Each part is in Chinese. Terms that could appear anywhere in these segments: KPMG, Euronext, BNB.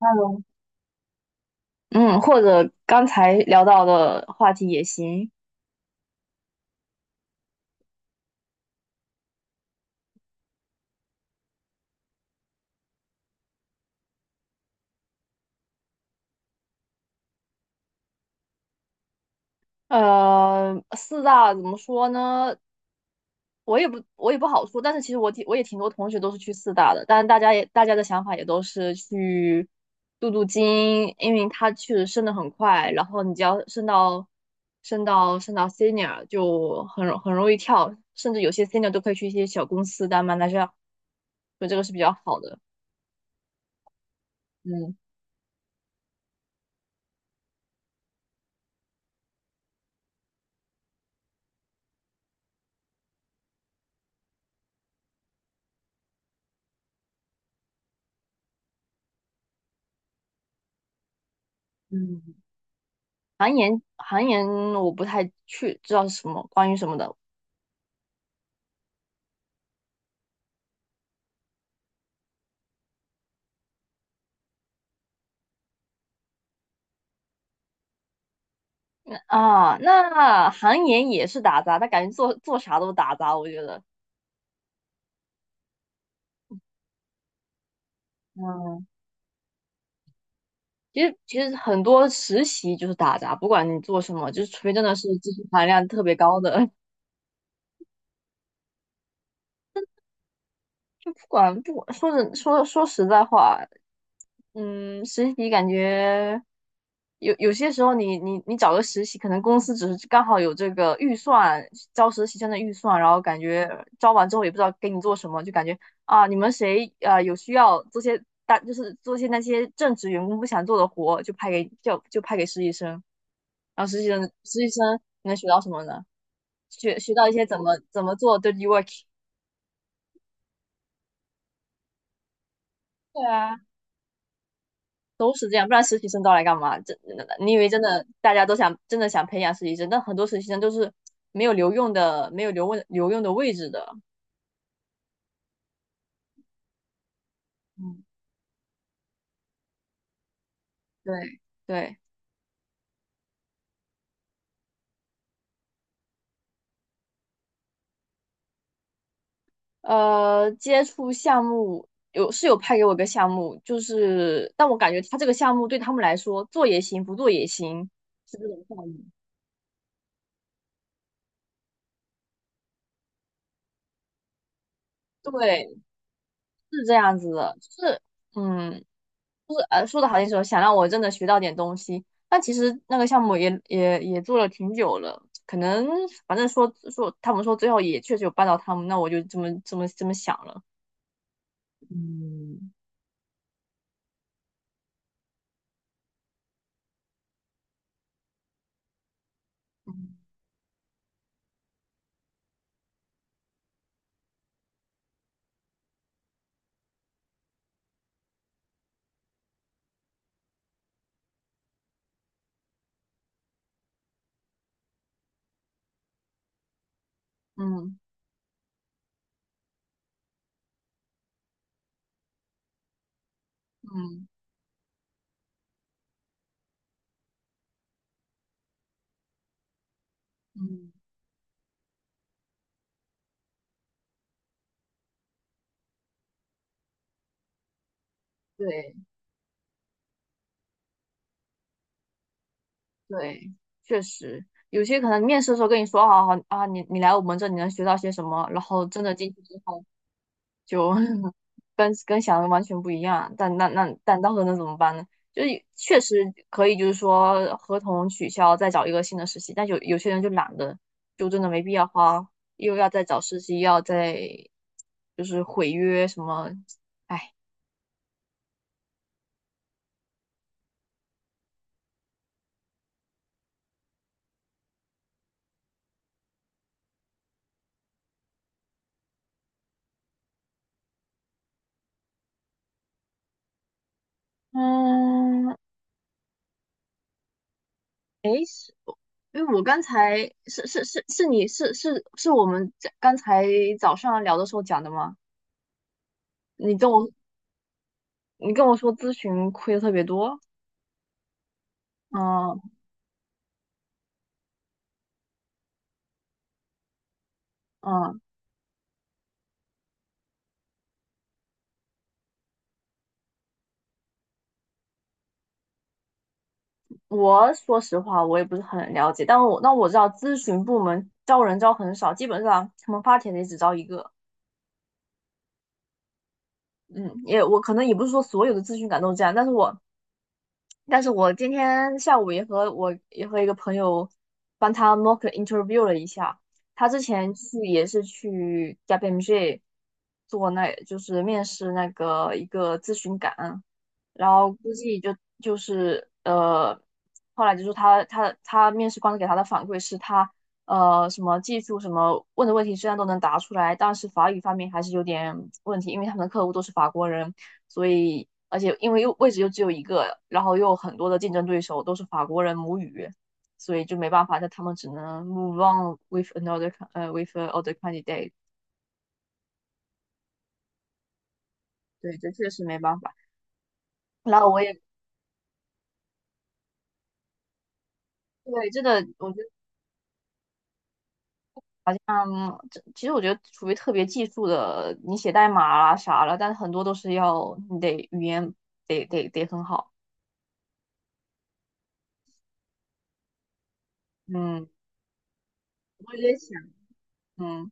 Hello，嗯，或者刚才聊到的话题也行。呃，四大怎么说呢？我也不好说，但是其实我也挺多同学都是去四大的，但是大家的想法也都是去镀金，因为它确实升得很快，然后你只要升到 senior 就很容易跳，甚至有些 senior 都可以去一些小公司当 m a n a g， 所以这个是比较好的。嗯。嗯。韩岩，韩岩我不太去知道是什么关于什么的。啊。那韩岩也是打杂，他感觉做做啥都打杂，我觉得。嗯，其实很多实习就是打杂，不管你做什么，就是除非真的是技术含量特别高的，就不管，说真说说实在话，嗯，实习感觉有些时候你，你找个实习，可能公司只是刚好有这个预算，招实习生的预算，然后感觉招完之后也不知道给你做什么，就感觉啊，你们谁啊有需要做些大，就是做些那些正职员工不想做的活，就派给实习生，然后实习生你能学到什么呢？学到一些怎么做 dirty work。对啊。都是这样，不然实习生招来干嘛？这你以为真的大家都想真的想培养实习生，但很多实习生都是没有留用的，没有留用的位置的。嗯，对，对，呃，接触项目有是有派给我一个项目，就是但我感觉他这个项目对他们来说做也行，不做也行，是这种效应。对，是这样子的，就是嗯，呃，说的好听说想让我真的学到点东西，但其实那个项目也做了挺久了，可能反正说他们说最后也确实有帮到他们，那我就这么想了。嗯。嗯。嗯。嗯。嗯，对对，确实有些可能面试的时候跟你说好啊，你来我们这里能学到些什么，然后真的进去之后。就 跟想的完全不一样。但那到时候能怎么办呢？就是确实可以，就是说合同取消，再找一个新的实习。但有些人就懒得，就真的没必要花，又要再找实习，又要再就是毁约什么，哎。嗯，因为我刚才是是是是你是是是我们这刚才早上聊的时候讲的吗？你跟我，你跟我说咨询亏的特别多，嗯。嗯，我说实话，我也不是很了解，但我那我知道咨询部门招人招很少，基本上他们发帖的也只招一个。嗯，也我可能也不是说所有的咨询岗都这样，但是我今天下午也和一个朋友帮他 mock interview 了一下，他之前去也是去 KPMG 做那就是面试那个一个咨询岗，然后估计就就是呃，后来就是他面试官给他的反馈是他呃什么技术什么问的问题虽然都能答出来，但是法语方面还是有点问题，因为他们的客户都是法国人，所以而且因为又位置又只有一个，然后又有很多的竞争对手都是法国人母语，所以就没办法，那他们只能 move on with another with other candidate。对，这确实没办法。然后我也对，真的，我觉得，嗯，这其实我觉得除非特别技术的，你写代码啦啥了，但是很多都是要你得语言得很好。嗯，我也在想，嗯。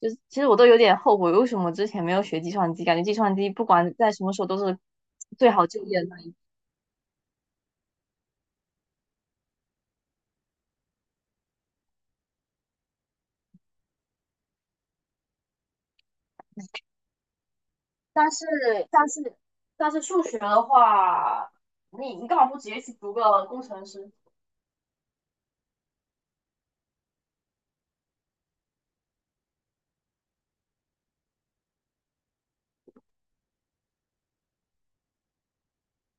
就是其实我都有点后悔，为什么之前没有学计算机？感觉计算机不管在什么时候都是最好就业的那一。但是但是但是数学的话，你干嘛不直接去读个工程师？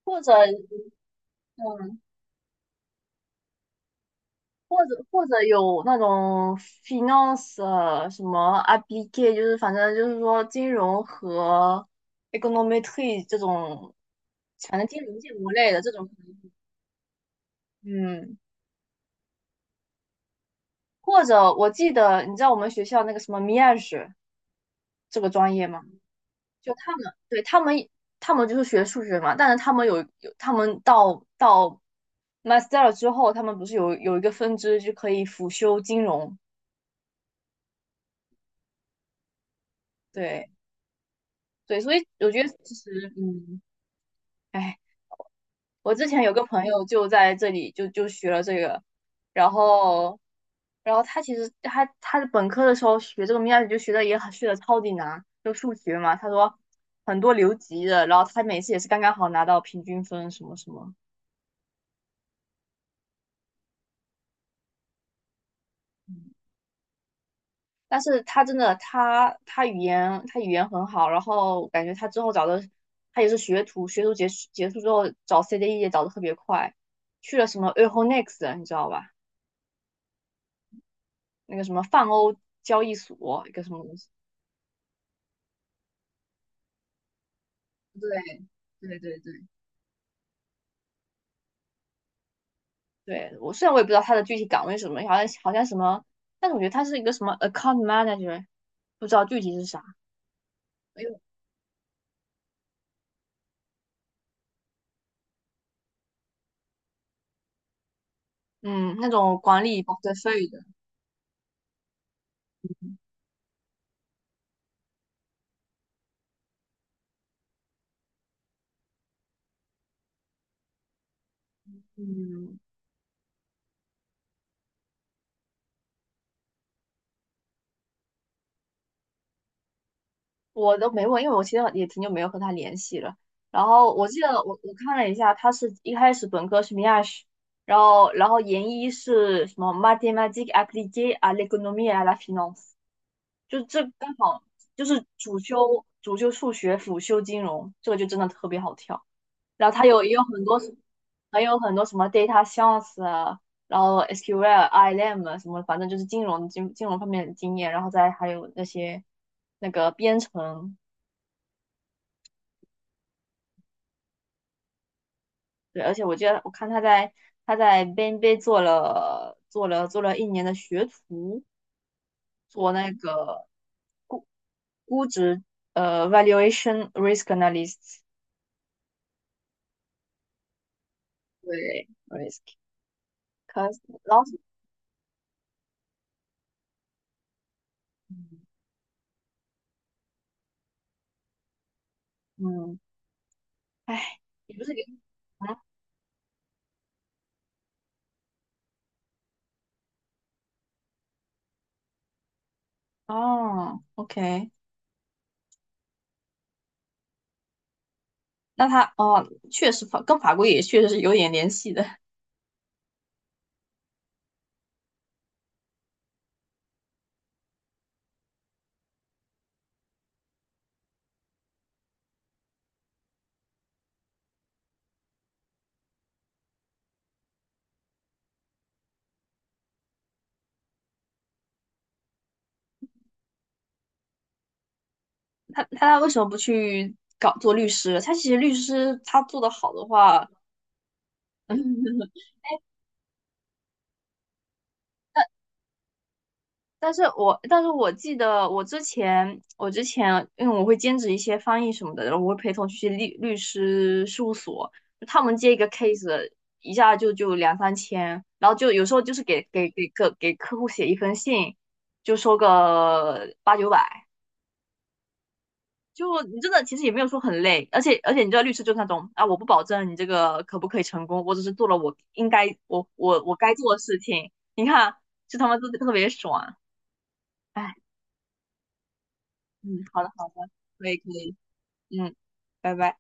或者嗯，或者有那种 finance 什么 a p p i q u， 就是反正就是说金融和 econometry 这种，反正金融建模类的这种，嗯，或者我记得你知道我们学校那个什么 m i a g e 这个专业吗？就他们，对，他们，他们就是学数学嘛，但是他们，他们到 master 之后，他们不是有一个分支就可以辅修金融，对对，所以我觉得其实，嗯，哎，我之前有个朋友就在这里就学了这个，然后然后他其实他他的本科的时候学这个 m a 就学的超级难，就数学嘛，他说很多留级的，然后他每次也是刚刚好拿到平均分什么什么。但是他真的，他语言很好，然后感觉他之后找的，他也是学徒，学徒结束之后找 CDE 也找的特别快，去了什么 Euronext，你知道吧？那个什么泛欧交易所，一个什么东西。对对对对，对，我虽然我也不知道他的具体岗位是什么，好像好像什么，但是我觉得他是一个什么 account manager，不知道具体是啥。哎呦，嗯，那种管理 p o r t 的，嗯，我都没问，因为我其实也挺久没有和他联系了。然后我记得我看了一下，他是一开始本科是 Miash，然后研一是什么 m a t h é m a t i c u e s appliquées à l c o n o m i e et à la finance，就这刚好就是主修数学，辅修金融，这个就真的特别好跳。然后他也有还有很多什么 data science 啊，然后 SQL、ILM 什么，反正就是金融方面的经验，然后再还有那些那个编程，对，而且我记得我看他在 BNB 做了1年的学徒，做那个估值呃 valuation risk analyst，对 risk，cost l 然后嗯。嗯，哎，你不是给。啊？哦，OK。那他哦，确实法跟法规也确实是有点联系的。他为什么不去搞做律师？他其实律师他做的好的话，但是我记得我之前因为我会兼职一些翻译什么的，然后我会陪同去律师事务所，他们接一个 case， 一下就就两三千，然后就有时候就是给客户写一封信，就收个八九百。就你真的其实也没有说很累，而且而且你知道律师就是那种啊，我不保证你这个可不可以成功，我只是做了我应该我该做的事情。你看，就他妈都特别爽，哎，嗯，好的好的，可以可以，嗯，拜拜。